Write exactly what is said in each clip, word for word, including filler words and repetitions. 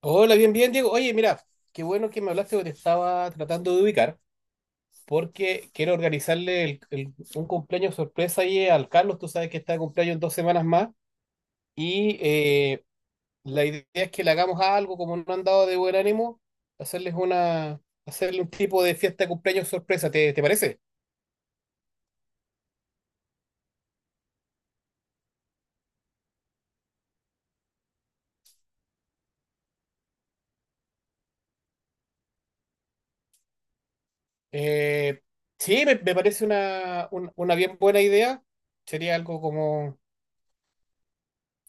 Hola, bien, bien, Diego. Oye, mira, qué bueno que me hablaste porque te estaba tratando de ubicar, porque quiero organizarle el- el- un cumpleaños sorpresa ahí al Carlos. Tú sabes que está de cumpleaños en dos semanas más. Y eh, la idea es que le hagamos algo, como no han dado de buen ánimo, hacerles una, hacerle un tipo de fiesta de cumpleaños sorpresa. ¿Te, te parece? Eh, sí, me, me parece una, un- una bien buena idea. Sería algo como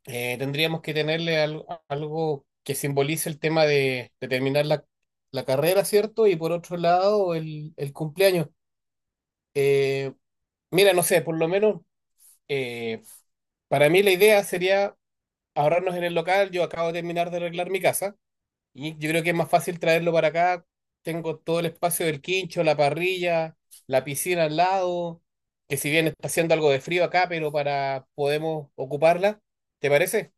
eh, tendríamos que tenerle al- algo que simbolice el tema de, de terminar la, la carrera, ¿cierto? Y por otro lado, el, el cumpleaños. Eh, mira, no sé, por lo menos eh, para mí la idea sería ahorrarnos en el local. Yo acabo de terminar de arreglar mi casa y yo creo que es más fácil traerlo para acá. Tengo todo el espacio del quincho, la parrilla, la piscina al lado, que si bien está haciendo algo de frío acá, pero para podemos ocuparla. ¿Te parece?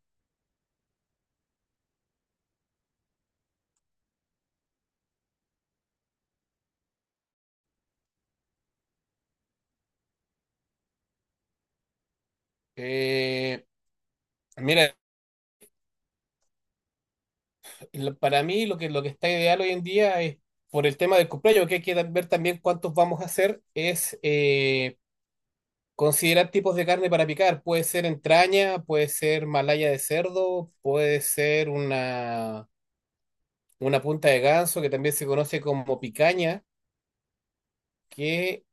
Eh, mira, lo- para mí lo que, lo que está ideal hoy en día es, por el tema del cumpleaños, que hay que ver también cuántos vamos a hacer, es eh, considerar tipos de carne para picar. Puede ser entraña, puede ser malaya de cerdo, puede ser una, una punta de ganso, que también se conoce como picaña, que,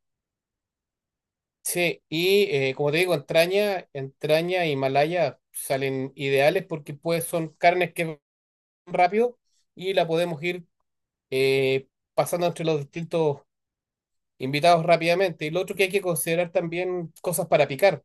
sí, y eh, como te digo, entraña, entraña y malaya salen ideales porque pues son carnes que van rápido y la podemos ir eh, pasando entre los distintos invitados rápidamente. Y lo otro que hay que considerar también cosas para picar.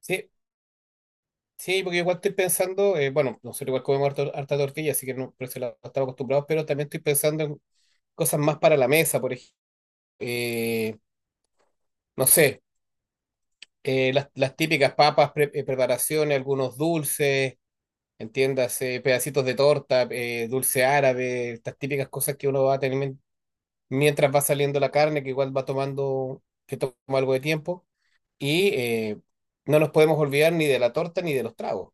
Sí, sí, porque igual estoy pensando, eh, bueno, nosotros igual comemos harto- harta tortilla, así que no, por eso la- estamos acostumbrados, pero también estoy pensando en cosas más para la mesa, por ejemplo. Eh, no sé, eh, las, las típicas papas, pre- eh, preparaciones, algunos dulces, entiéndase, pedacitos de torta, eh, dulce árabe, estas típicas cosas que uno va a tener mien- mientras va saliendo la carne, que igual va tomando, que toma algo de tiempo. Y eh, no nos podemos olvidar ni de la torta ni de los tragos.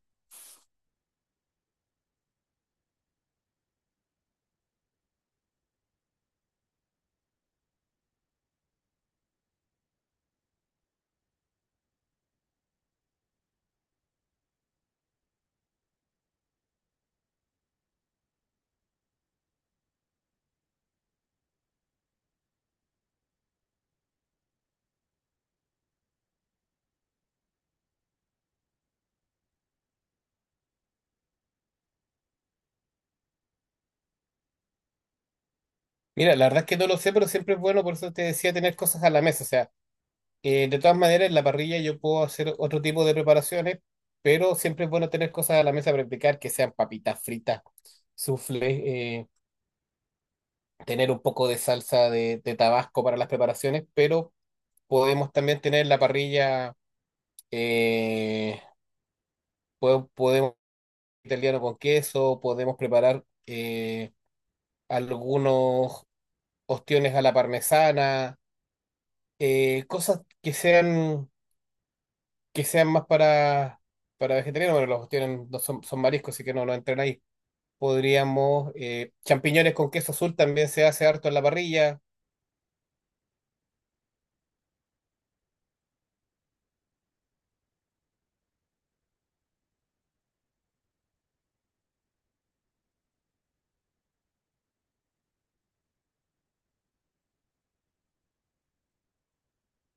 Mira, la verdad es que no lo sé, pero siempre es bueno, por eso te decía, tener cosas a la mesa. O sea, eh, de todas maneras, en la parrilla yo puedo hacer otro tipo de preparaciones, pero siempre es bueno tener cosas a la mesa para practicar, que sean papitas fritas, soufflé, eh, tener un poco de salsa de, de Tabasco para las preparaciones, pero podemos también tener la parrilla, eh, po- podemos italiano con queso, podemos preparar... eh, algunos ostiones a la parmesana, eh, cosas que sean, que sean más para, para vegetarianos. Bueno, los ostiones no son, son mariscos, así que no, no entran ahí. Podríamos, eh, champiñones con queso azul también se hace harto en la parrilla.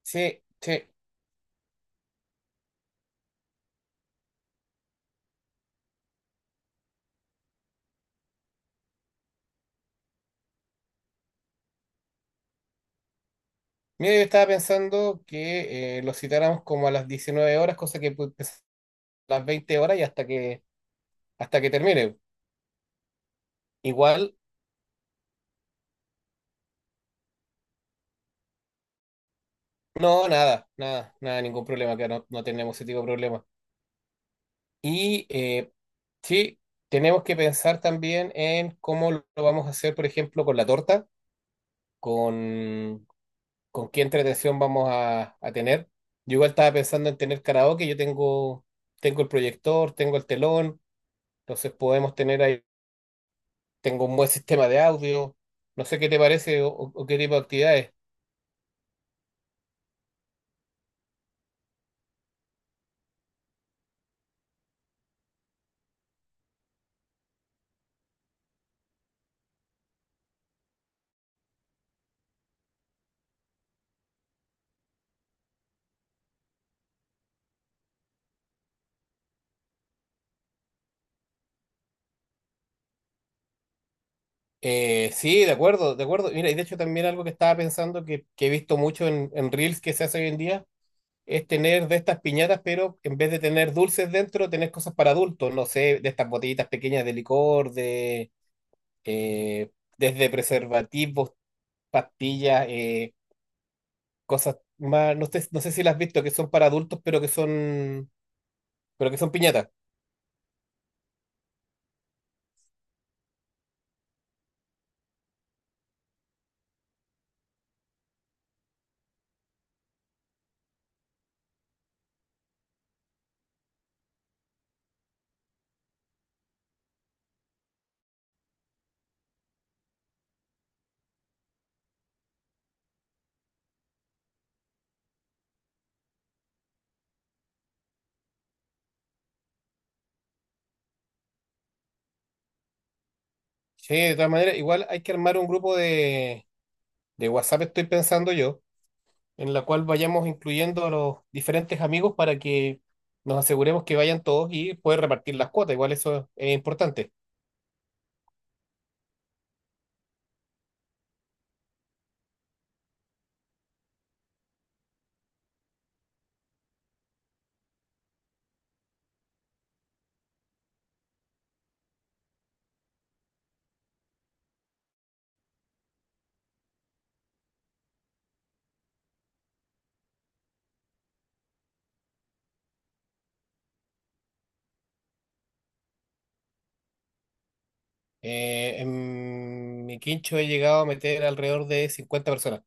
Sí, sí. Mira, yo estaba pensando que eh, lo citáramos como a las diecinueve horas, cosa que puede empezar a las veinte horas y hasta que, hasta que termine. Igual, no, nada, nada, nada, ningún problema, que no, no tenemos ese tipo de problema. Y eh, sí, tenemos que pensar también en cómo lo lo vamos a hacer, por ejemplo, con la torta, con, con qué entretención vamos a, a tener. Yo igual estaba pensando en tener karaoke, yo tengo, tengo el proyector, tengo el telón, entonces podemos tener ahí, tengo un buen sistema de audio, no sé qué te parece o, o- o qué tipo de actividades. Eh, sí, de acuerdo, de acuerdo. Mira, y de hecho también algo que estaba pensando que, que he visto mucho en, en Reels que se hace hoy en día es tener de estas piñatas, pero en vez de tener dulces dentro, tener cosas para adultos, no sé, de estas botellitas pequeñas de licor, de eh, desde preservativos, pastillas, eh, cosas más, no sé, no sé si las has visto, que son para adultos, pero que son, pero que son piñatas. Sí, de todas maneras, igual hay que armar un grupo de, de WhatsApp, estoy pensando yo, en la cual vayamos incluyendo a los diferentes amigos para que nos aseguremos que vayan todos y poder repartir las cuotas, igual eso es importante. Eh, en mi quincho he llegado a meter alrededor de cincuenta personas.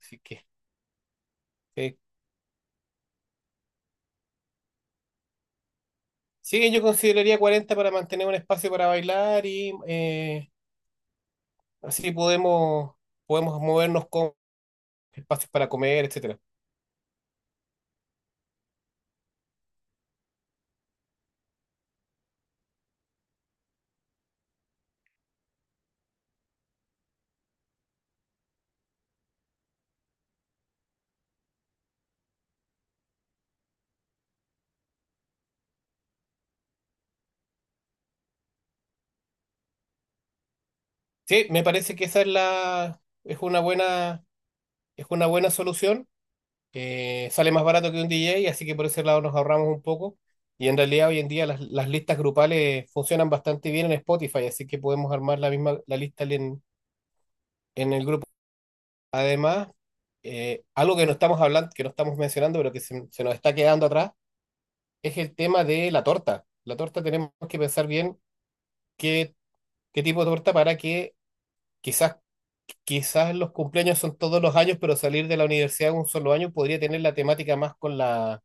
Así que, eh, sí, yo consideraría cuarenta para mantener un espacio para bailar y eh, así podemos, podemos movernos con espacios para comer, etcétera. Sí, me parece que esa es la, es una buena, es una buena solución. Eh, sale más barato que un D J, así que por ese lado nos ahorramos un poco. Y en realidad hoy en día las, las listas grupales funcionan bastante bien en Spotify, así que podemos armar la misma la lista en, en el grupo. Además, eh, algo que no estamos hablando, que no estamos mencionando, pero que se, se nos está quedando atrás, es el tema de la torta. La torta tenemos que pensar bien qué, qué tipo de torta para que quizás, quizás los cumpleaños son todos los años, pero salir de la universidad un solo año podría tener la temática más con la,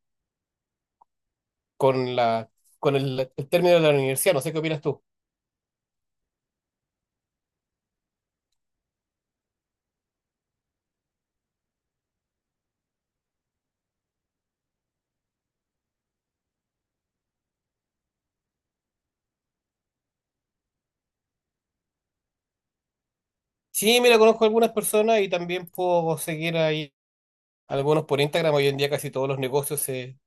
con la, con el, el término de la universidad. No sé qué opinas tú. Sí, mira, conozco algunas personas y también puedo seguir ahí algunos por Instagram. Hoy en día casi todos los negocios se...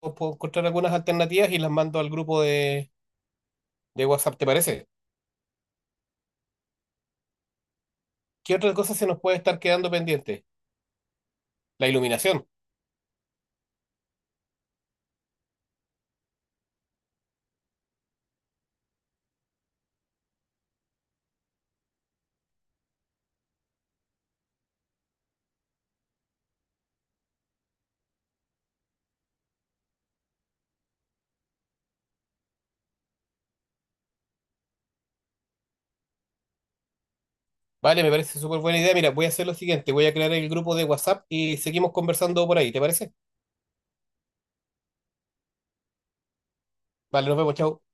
Puedo encontrar algunas alternativas y las mando al grupo de de WhatsApp, ¿te parece? ¿Qué otra cosa se nos puede estar quedando pendiente? La iluminación. Vale, me parece súper buena idea. Mira, voy a hacer lo siguiente, voy a crear el grupo de WhatsApp y seguimos conversando por ahí, ¿te parece? Vale, nos vemos, chao.